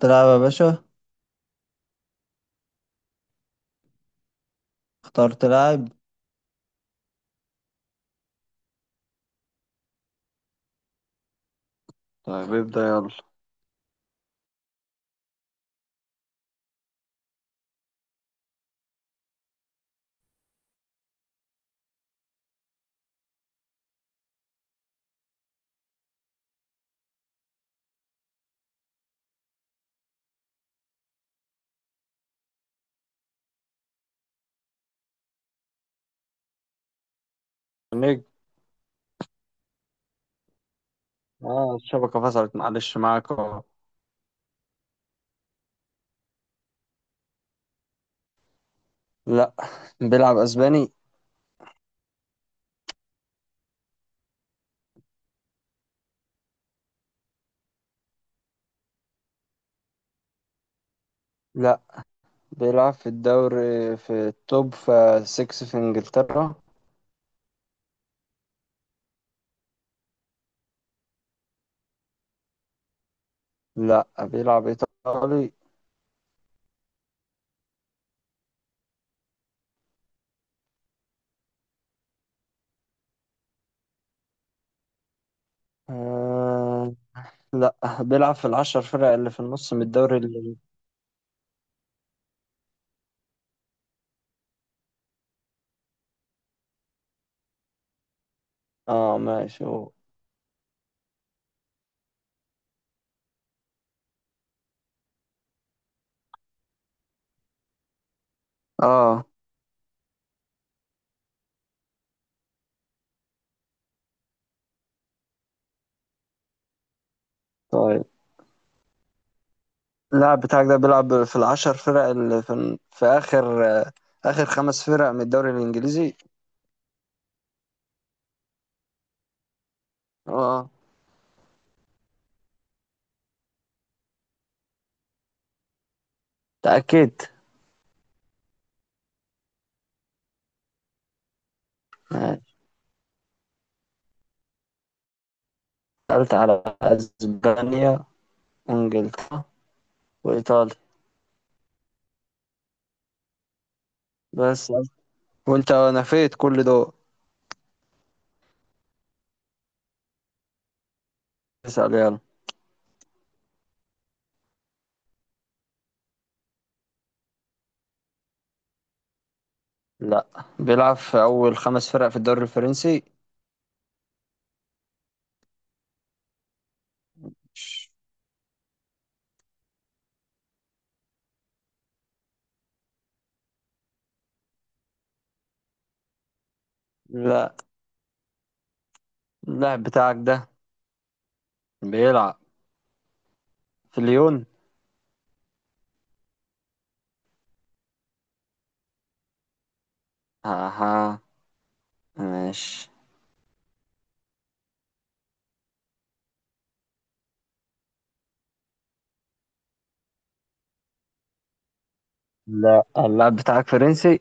تلعب يا باشا. اختار تلعب. طيب ابدأ يلا. نجم. اه الشبكة فصلت معلش، معاك اهو. لا، بيلعب اسباني. لا، بيلعب في الدوري في التوب، في 6 في انجلترا. لا، بيلعب ايطالي. آه لا، بيلعب في العشر فرق اللي في النص من الدوري اه ماشي هو. اه طيب، اللاعب بتاعك ده بيلعب في العشر فرق اللي في اخر اخر خمس فرق من الدوري الانجليزي. اه تأكدت. سألت على أسبانيا وإنجلترا وإيطاليا بس، وأنت نفيت كل دول. اسأل يلا. لا، بيلعب في أول خمس فرق في الدوري الفرنسي. لا، اللاعب بتاعك ده بيلعب في ليون. أها ماشي. لا، اللاعب بتاعك فرنسي.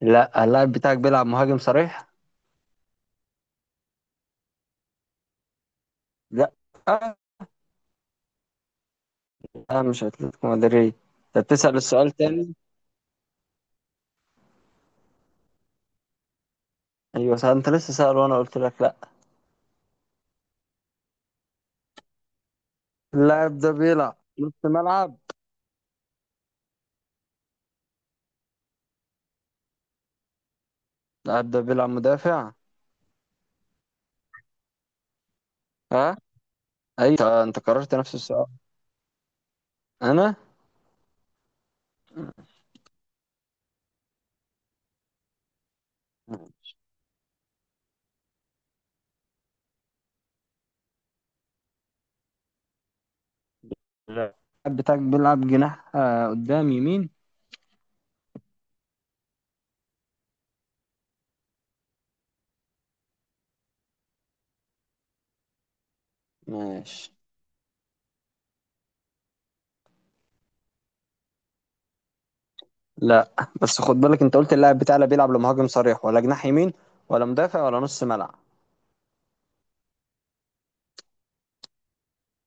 لا، اللاعب بتاعك بيلعب مهاجم صريح. لا، أنا مش أتلتيكو مدريد. أنت بتسأل السؤال تاني. أيوة، أنت لسه سأل وأنا قلت لك لا. اللاعب ده بيلعب نص ملعب. اللاعب ده بيلعب مدافع. ها؟ اي، انت قررت نفس السؤال. انا لا، اللاعب بتاعك بيلعب جناح قدام يمين. ماشي. لا بس خد بالك، انت قلت اللاعب بتاعنا بيلعب لمهاجم صريح ولا جناح يمين ولا مدافع ولا نص ملعب.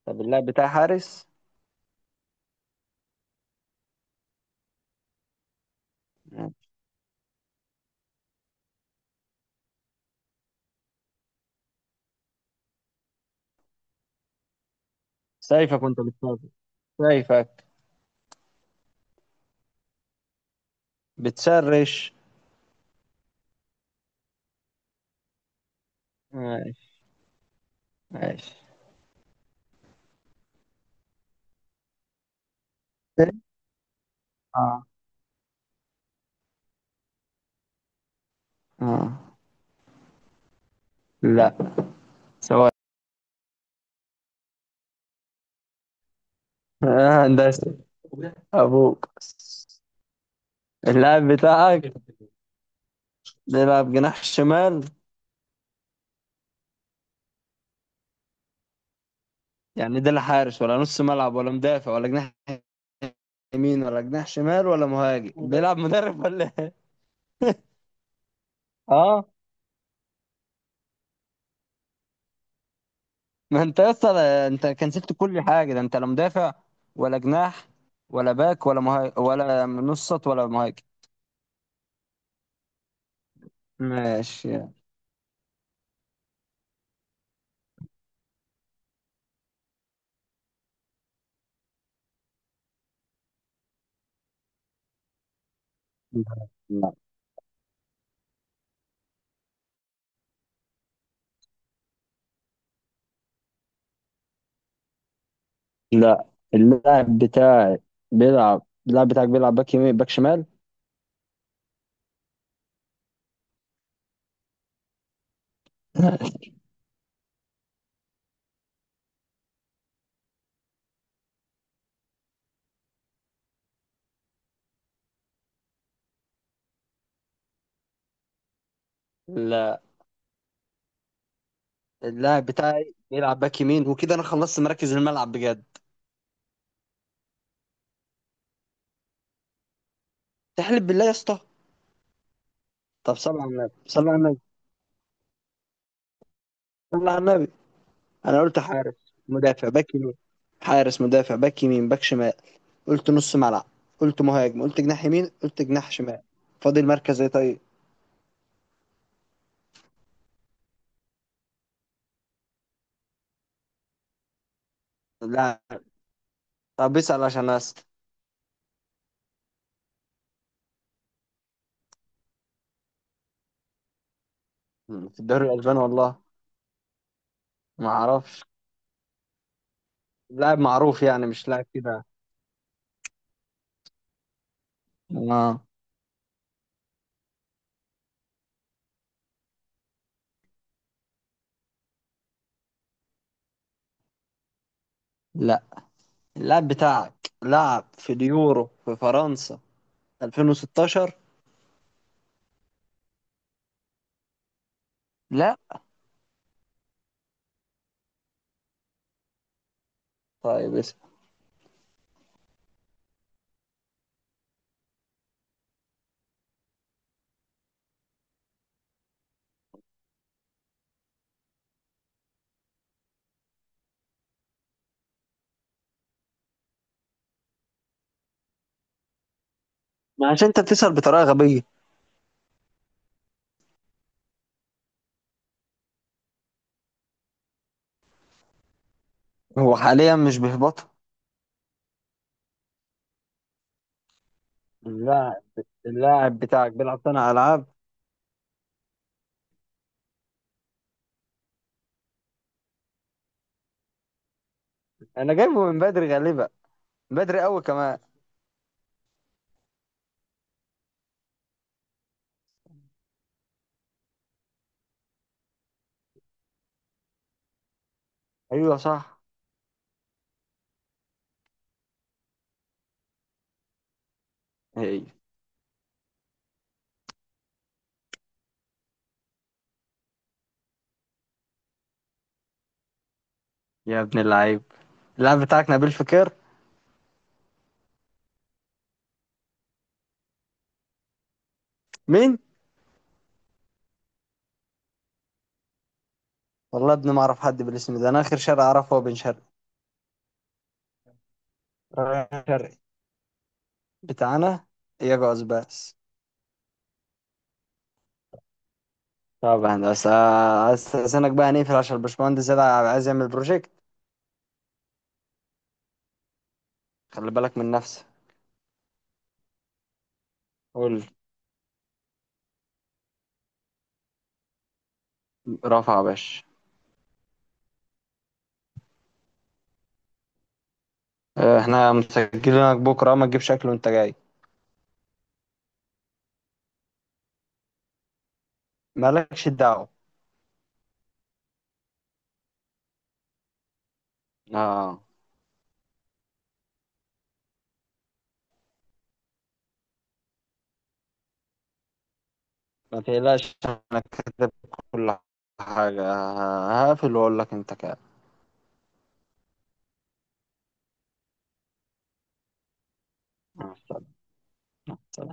طب اللاعب بتاعي حارس؟ ماشي. سيفك وانت بتشرش. سيفك بتشرش. ماشي ماشي. اه. اه لا، سواء. هندسة أبوك. اللاعب بتاعك بيلعب جناح شمال. يعني ده لا حارس ولا نص ملعب ولا مدافع ولا جناح يمين ولا جناح شمال ولا مهاجم، بيلعب مدرب ولا إيه؟ اه ما انت يا اسطى، انت كنسلت كل حاجه ده. انت لا مدافع ولا جناح ولا باك ولا مهاجم ولا نص خط ولا مهاجم. ماشي. لا لا. اللاعب بتاعي بيلعب، اللاعب بتاعك بيلعب باك يمين باك شمال. لا، اللاعب بتاعي بيلعب باك يمين، وكده انا خلصت مراكز الملعب بجد. تحلف بالله يا اسطى؟ طب صلى على النبي، صلى على النبي، صلى على النبي. انا قلت حارس، مدافع، باك يمين، حارس مدافع باك يمين باك شمال، قلت نص ملعب، قلت مهاجم، قلت جناح يمين، قلت جناح شمال. فاضل مركز ايه طيب؟ لا طب، بيسأل عشان اسال. في الدوري الاسباني والله. ما اعرفش. لاعب معروف يعني مش لاعب كده. اه لا، اللاعب بتاعك لعب في اليورو في فرنسا 2016. لا، طيب اسال. ما عشان انت بتسأل بطريقة غبية. هو حاليا مش بيهبط. اللاعب، اللاعب بتاعك بيلعب صانع العاب. انا جايبه من بدري غالبا، بدري قوي كمان. ايوه صح. ايوه. يا ابن اللعيب، اللاعب بتاعك نبيل فقير. مين؟ والله ابني ما اعرف حد بالاسم ده. انا اخر شارع اعرفه هو بن شرقي، رايح شرقي بتاعنا، يجوز بس. طب هندسة، استأذنك بقى نقفل عشان الباشمهندس زياد عايز يعمل بروجكت. خلي بالك من نفسك. قول. رافع يا باشا. اه، احنا مسجلينك بكرة، ما تجيبش اكل وانت جاي. مالكش دعوة. اه. ما تقلقش انا كاتب كل حاجة. هقفل واقول لك انت كده. مع السلامة. مع السلامة.